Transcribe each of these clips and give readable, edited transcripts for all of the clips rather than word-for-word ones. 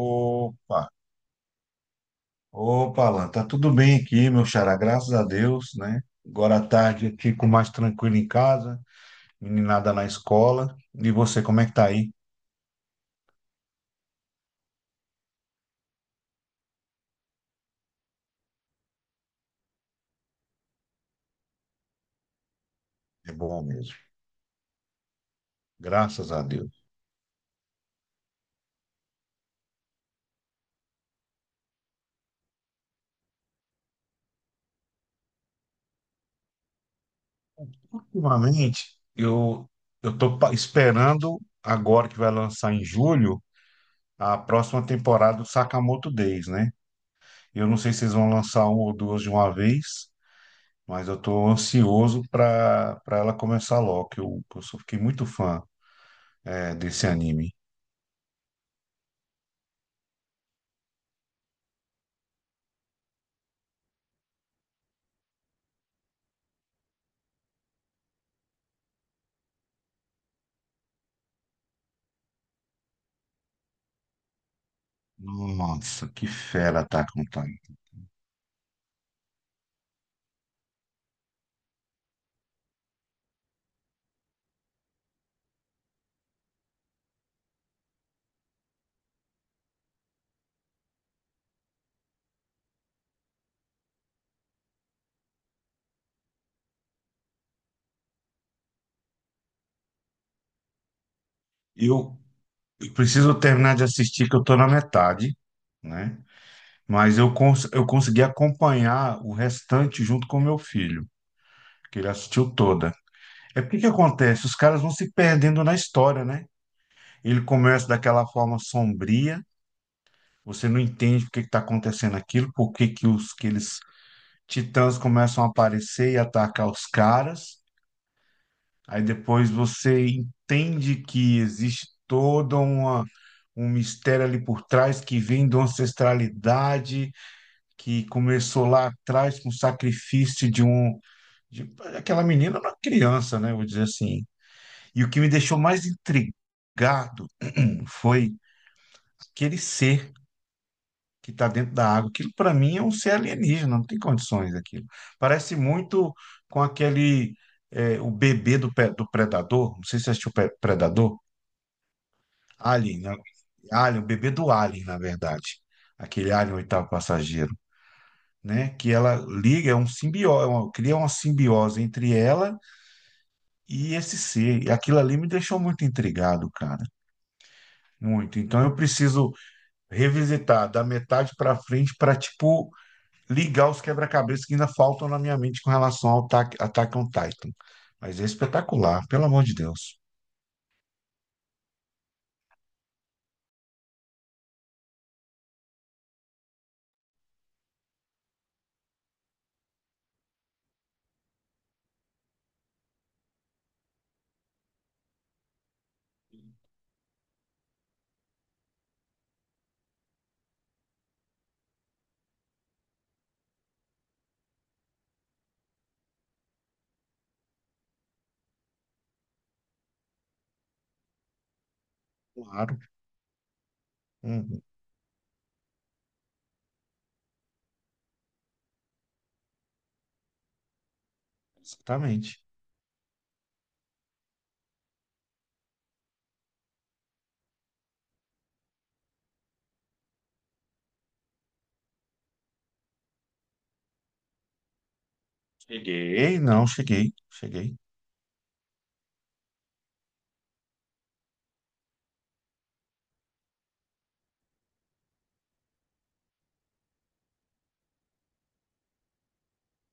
Opa, opa, Alan, tá tudo bem aqui, meu xará, graças a Deus, né? Agora à tarde eu fico mais tranquilo em casa, meninada na escola. E você, como é que tá aí? É bom mesmo, graças a Deus. Ultimamente, eu tô esperando agora que vai lançar em julho a próxima temporada do Sakamoto Days, né? Eu não sei se vocês vão lançar uma ou duas de uma vez, mas eu tô ansioso para ela começar logo, fiquei muito fã desse anime. Nossa, que fera tá on Titan. Eu preciso terminar de assistir, que eu tô na metade, né? Mas eu consegui acompanhar o restante junto com meu filho, que ele assistiu toda. É porque que acontece? Os caras vão se perdendo na história, né? Ele começa daquela forma sombria, você não entende por que está acontecendo aquilo, por que que eles titãs começam a aparecer e atacar os caras. Aí depois você entende que existe toda uma um mistério ali por trás que vem de uma ancestralidade que começou lá atrás com o sacrifício de aquela menina era uma criança, né? Vou dizer assim. E o que me deixou mais intrigado foi aquele ser que está dentro da água. Aquilo para mim é um ser alienígena, não tem condições aquilo. Parece muito com aquele o bebê do Predador. Não sei se você assistiu o Predador. Alien, né? Alien, o bebê do Alien, na verdade. Aquele Alien, o oitavo passageiro, né? Que ela liga, é um simbiose, cria uma simbiose entre ela e esse ser. E aquilo ali me deixou muito intrigado, cara. Muito. Então eu preciso revisitar da metade para frente para tipo, ligar os quebra-cabeças que ainda faltam na minha mente com relação ao Attack on Titan. Mas é espetacular, pelo amor de Deus. Claro. Uhum. Exatamente. Cheguei, não, cheguei, cheguei.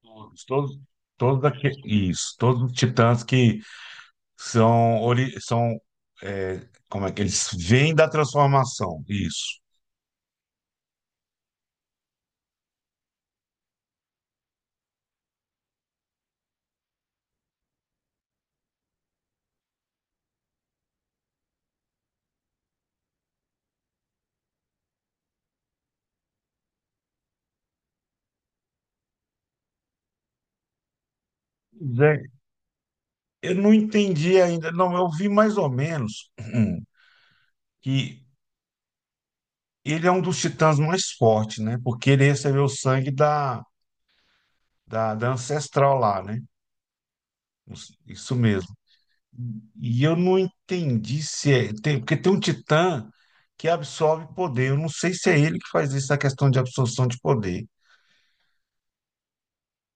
Todos, todos, todos aqui, isso, todos os titãs que são como é que eles vêm da transformação, isso. Zé, eu não entendi ainda, não, eu vi mais ou menos que ele é um dos titãs mais fortes, né? Porque ele recebeu o sangue da ancestral lá, né? Isso mesmo. E eu não entendi se é, tem, porque tem um titã que absorve poder, eu não sei se é ele que faz isso, a questão de absorção de poder.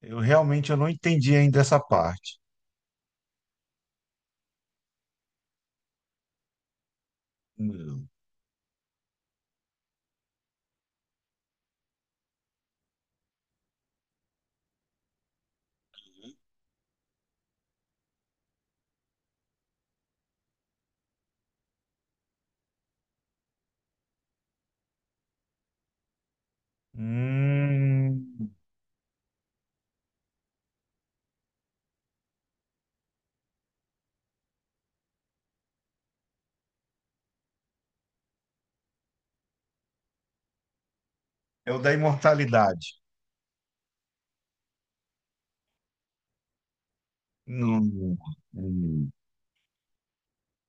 Eu não entendi ainda essa parte. Hum, é o da imortalidade. Não. Hum.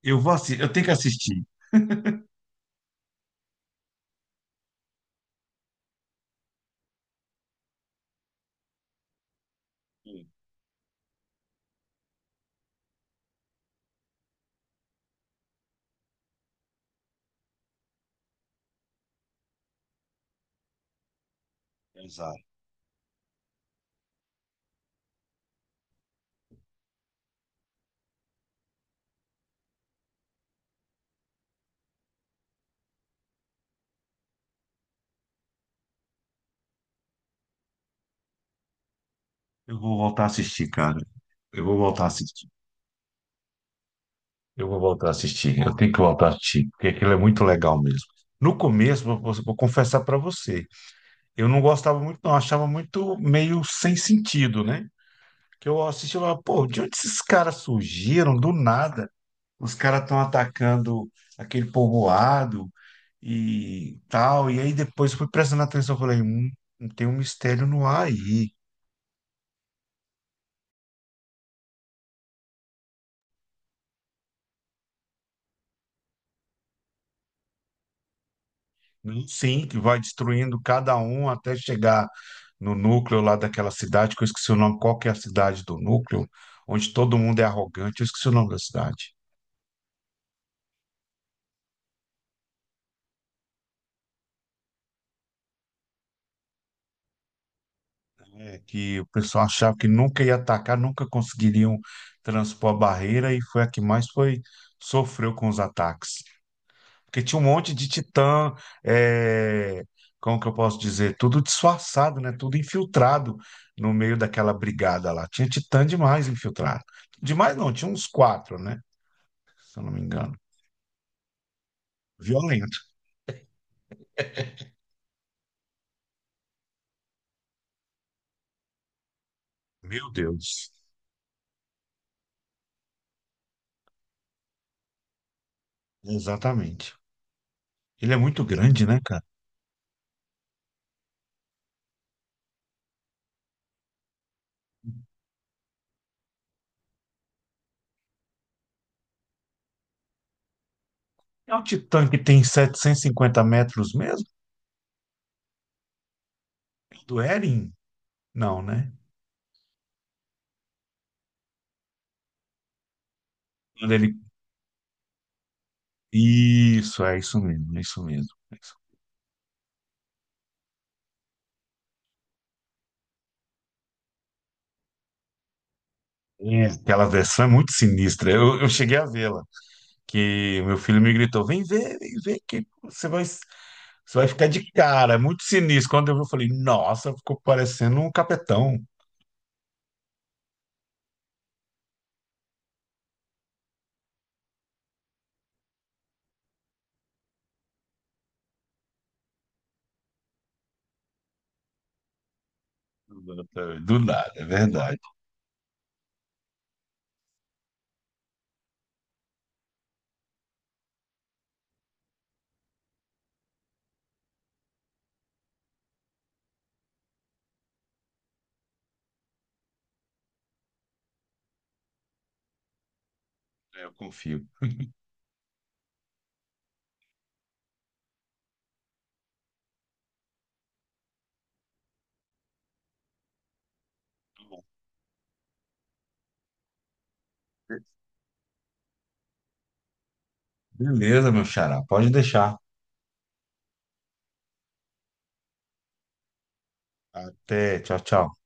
Eu vou assistir, eu tenho que assistir. Sim. Exato. Eu vou voltar a assistir, cara. Eu vou voltar a assistir. Eu vou voltar a assistir. Eu tenho que voltar a assistir, porque aquilo é muito legal mesmo. No começo, vou confessar pra você, eu não gostava muito, não. Achava muito meio sem sentido, né? Que eu assistia e falava, pô, de onde esses caras surgiram? Do nada. Os caras estão atacando aquele povoado e tal. E aí depois fui prestando atenção, falei, tem um mistério no ar aí. Sim, que vai destruindo cada um até chegar no núcleo lá daquela cidade, que eu esqueci o nome, qual que é a cidade do núcleo, onde todo mundo é arrogante, eu esqueci o nome da cidade. É, que o pessoal achava que nunca ia atacar, nunca conseguiriam transpor a barreira, e foi a que mais foi sofreu com os ataques. Porque tinha um monte de titã, é, como que eu posso dizer? Tudo disfarçado, né? Tudo infiltrado no meio daquela brigada lá. Tinha titã demais infiltrado. Demais não, tinha uns quatro, né? Se eu não me engano. Violento. Meu Deus. Exatamente. Ele é muito grande, né, cara? É um titã que tem 750 metros mesmo? Do Eren? Não, né? Quando ele... Isso, é isso mesmo, é isso mesmo. É isso. É, aquela versão é muito sinistra. Eu cheguei a vê-la. Que meu filho me gritou: vem ver, você vai ficar de cara, é muito sinistro. Quando eu vi, eu falei: nossa, ficou parecendo um capetão. Do nada, é verdade. Eu confio. Beleza, meu xará, pode deixar. Até, tchau, tchau.